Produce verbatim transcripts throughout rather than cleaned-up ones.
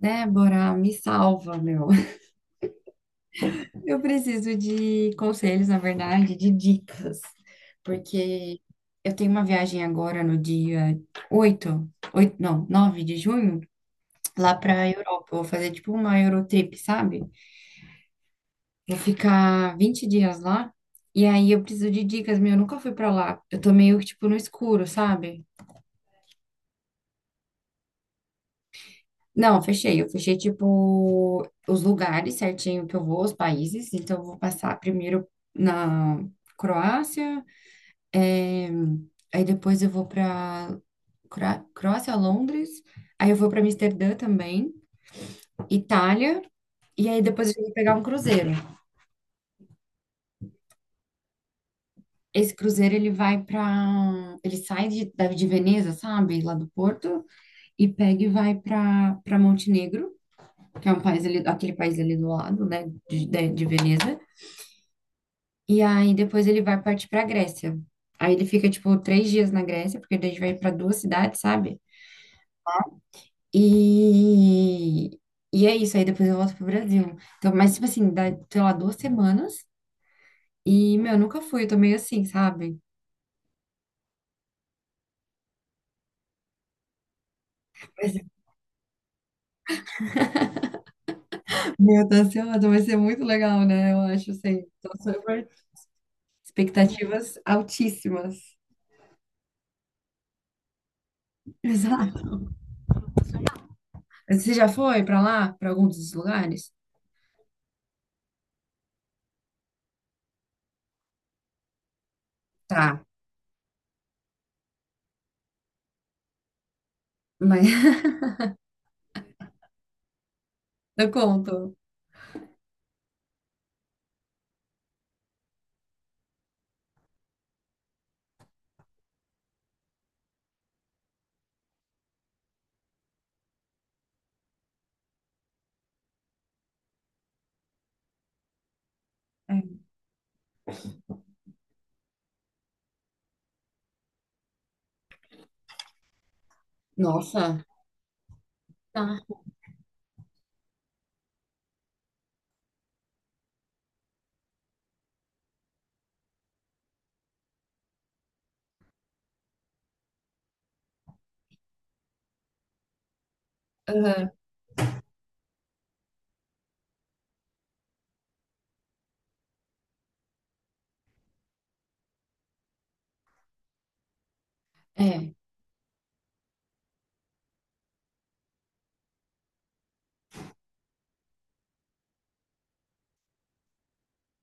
Débora, me salva, meu. Eu preciso de conselhos, na verdade, de dicas, porque eu tenho uma viagem agora no dia oito, oito não, nove de junho, lá para a Europa. Eu Vou fazer tipo uma Eurotrip, sabe? Vou ficar vinte dias lá, e aí eu preciso de dicas, meu. Eu nunca fui para lá. Eu tô meio que tipo no escuro, sabe? Não, eu fechei. Eu fechei, tipo, os lugares certinho que eu vou, os países. Então, eu vou passar primeiro na Croácia, eh, aí depois eu vou para Croácia, Londres, aí eu vou para Amsterdã também, Itália, e aí depois eu vou pegar um cruzeiro. Esse cruzeiro, ele vai para... Ele sai de, da- de Veneza, sabe? Lá do Porto, e pega e vai para para Montenegro, que é um país ali, aquele país ali do lado, né? de de- de Veneza. E aí depois ele vai partir pra Grécia. Aí ele fica, tipo, três dias na Grécia, porque daí a gente vai pra duas cidades, sabe? E, e é isso, aí depois eu volto pro Brasil. Então, mas, tipo assim, dá, sei lá, duas semanas. E, meu, eu nunca fui, eu tô meio assim, sabe? Mas, meu, eu tô ansiosa, vai ser muito legal, né? Eu acho, assim, tô super... Expectativas altíssimas. Exato. Você já foi pra lá, pra algum dos lugares? Tá, mas eu conto. É. Nossa. Tá. É.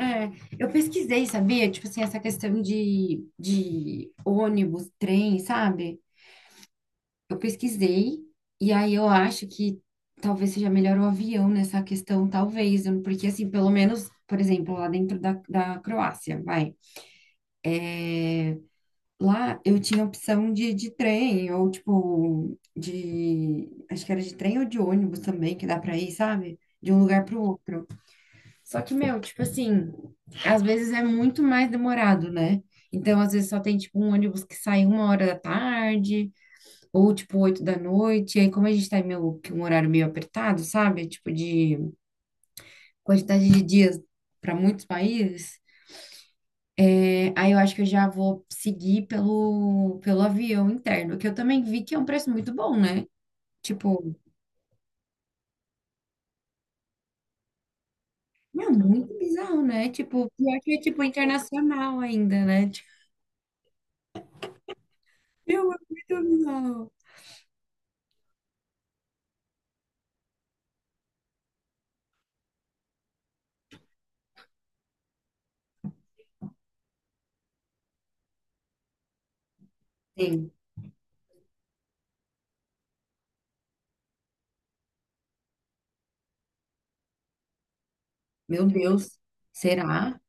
É, eu pesquisei, sabia? Tipo assim, essa questão de, de ônibus, trem, sabe? Eu pesquisei, e aí eu acho que talvez seja melhor o avião nessa questão, talvez, eu- porque assim, pelo menos, por exemplo, lá dentro da, da Croácia, vai. Lá eu tinha opção de, de trem, ou tipo, de. Acho que era de trem ou de ônibus também, que dá pra ir, sabe? De um lugar pro outro. Só que, meu, tipo assim, às vezes é muito mais demorado, né? Então, às vezes só tem, tipo, um ônibus que sai uma hora da tarde, ou, tipo, oito da noite. E aí, como a gente tá em meio, que um horário meio apertado, sabe? Tipo, de quantidade de dias para muitos países, é, aí eu acho que eu já vou seguir pelo, pelo avião interno, que eu também vi que é um preço muito bom, né? Tipo, meu, é muito bizarro, né? Tipo, pior que é, tipo, internacional ainda, né? Tipo, meu, é muito bizarro. Sim. Meu Deus, será?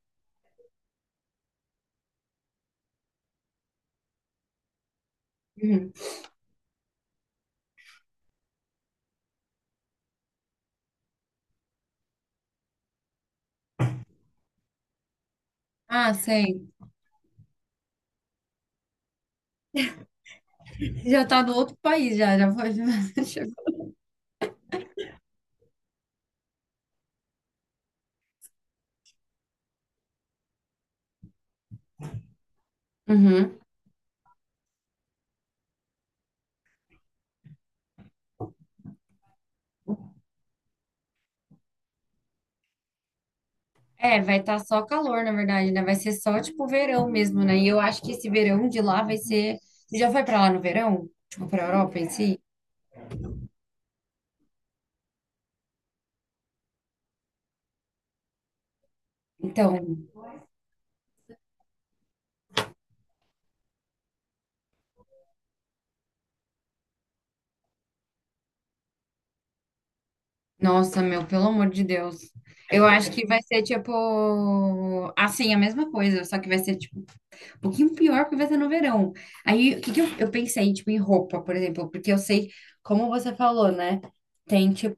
Uhum. Ah, sei. Já tá do outro país, já, já foi. Já chegou. Uhum. É, vai estar só calor, na verdade, né? Vai ser só, tipo, verão mesmo, né? E eu acho que esse verão de lá vai ser... Você já foi pra lá no verão? Tipo, pra Europa em si? Então, nossa, meu, pelo amor de Deus. Eu acho que vai ser, tipo, assim, a mesma coisa, só que vai ser, tipo, Um pouquinho pior porque vai ser no verão. Aí, o que que eu, eu pensei, tipo, em roupa, por exemplo, porque eu sei, como você falou, né? Tem, tipo,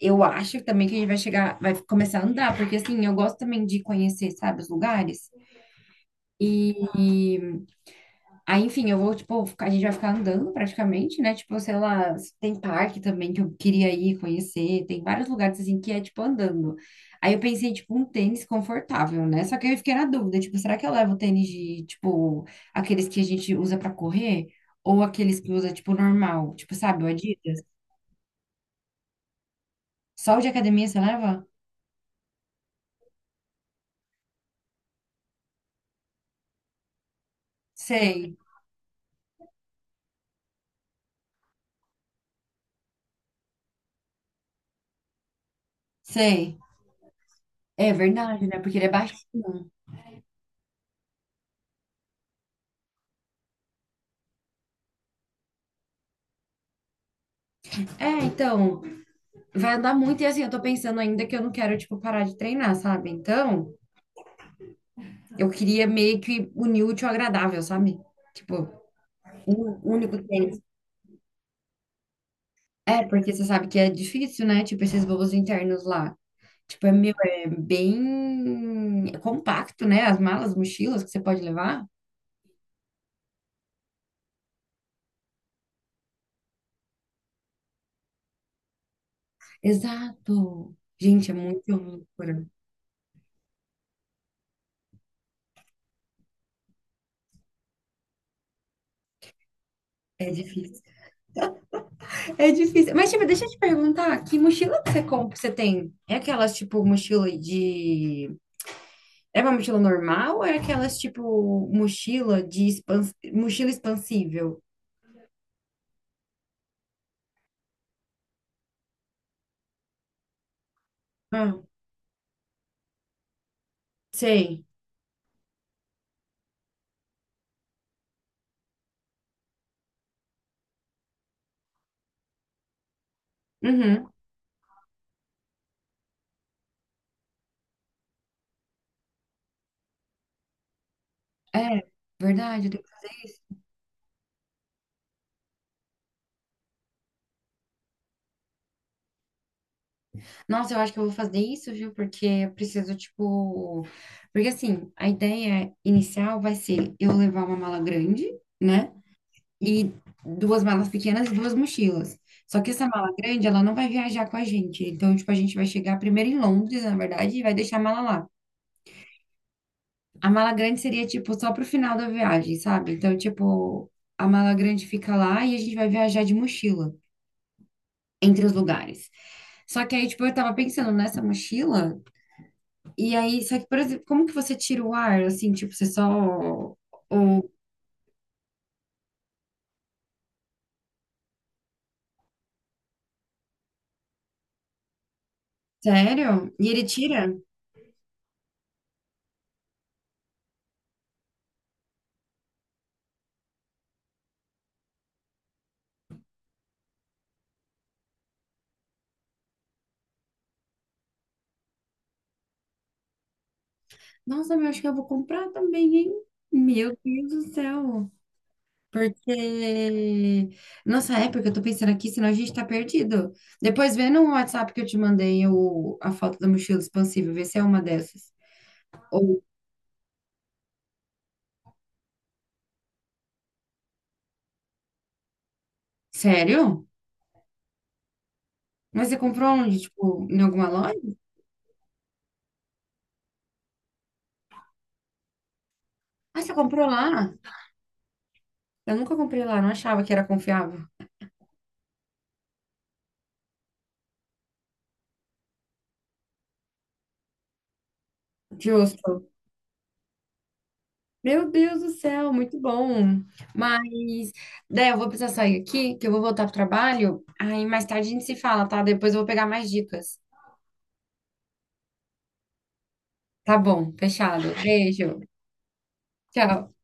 eu acho também que a gente vai chegar, vai começar a andar, porque assim, eu gosto também de conhecer, sabe, os lugares. E aí, enfim, eu vou, tipo, ficar- a gente vai ficar andando praticamente, né? Tipo, sei lá, tem parque também que eu queria ir conhecer, tem vários lugares assim que é, tipo, andando. Aí eu pensei, tipo, um tênis confortável, né? Só que eu fiquei na dúvida, tipo, será que eu levo tênis de, tipo, aqueles que a gente usa pra correr? Ou aqueles que usa, tipo, normal? Tipo, sabe, o Adidas? Só o de academia você leva? Sei, sei. É verdade, né? Porque ele é baixo. É, então, vai andar muito e assim, eu tô pensando ainda que eu não quero, tipo, parar de treinar, sabe? Então. Eu queria meio que unir o útil ao agradável, sabe? Tipo, um único tênis. É, porque você sabe que é difícil, né? Tipo, esses voos internos lá. Tipo, é meu, é bem compacto, né? As malas, mochilas que você pode levar. Exato. Gente, é muito loucura. É difícil. É difícil. Mas, tipo, deixa eu te perguntar, que mochila que você compra, que você tem? É aquelas, tipo, mochila de... É uma mochila normal ou é aquelas, tipo, mochila de expans... mochila expansível? Sei. Uhum. É, verdade, eu tenho que fazer isso. Nossa, eu acho que eu vou fazer isso, viu? Porque eu preciso, tipo. Porque assim, a ideia inicial vai ser eu levar uma mala grande, né? E duas malas pequenas e duas mochilas. Só que essa mala grande, ela não vai viajar com a gente. Então, tipo, a gente vai chegar primeiro em Londres, na verdade, e vai deixar a mala lá. A mala grande seria, tipo, só pro final da viagem, sabe? Então, tipo, a mala grande fica lá e a gente vai viajar de mochila entre os lugares. Só que aí, tipo, eu tava pensando nessa mochila, e aí, só que, por exemplo, como que você tira o ar, assim, tipo, você só... o sério? E ele tira? Nossa, meu, acho que eu vou comprar também, hein? Meu Deus do céu. Porque, nossa época, eu tô pensando aqui, senão a gente tá perdido. Depois vê no WhatsApp que eu te mandei o, a foto da mochila expansível, vê se é uma dessas. Ou, sério? Mas você comprou onde? Tipo, em alguma loja? Ah, você comprou lá? Eu nunca comprei lá, não achava que era confiável. Justo. Meu Deus do céu, muito bom. Mas, Dé, eu vou precisar sair aqui, que eu vou voltar pro trabalho. Aí mais tarde a gente se fala, tá? Depois eu vou pegar mais dicas. Tá bom, fechado. Beijo. Tchau.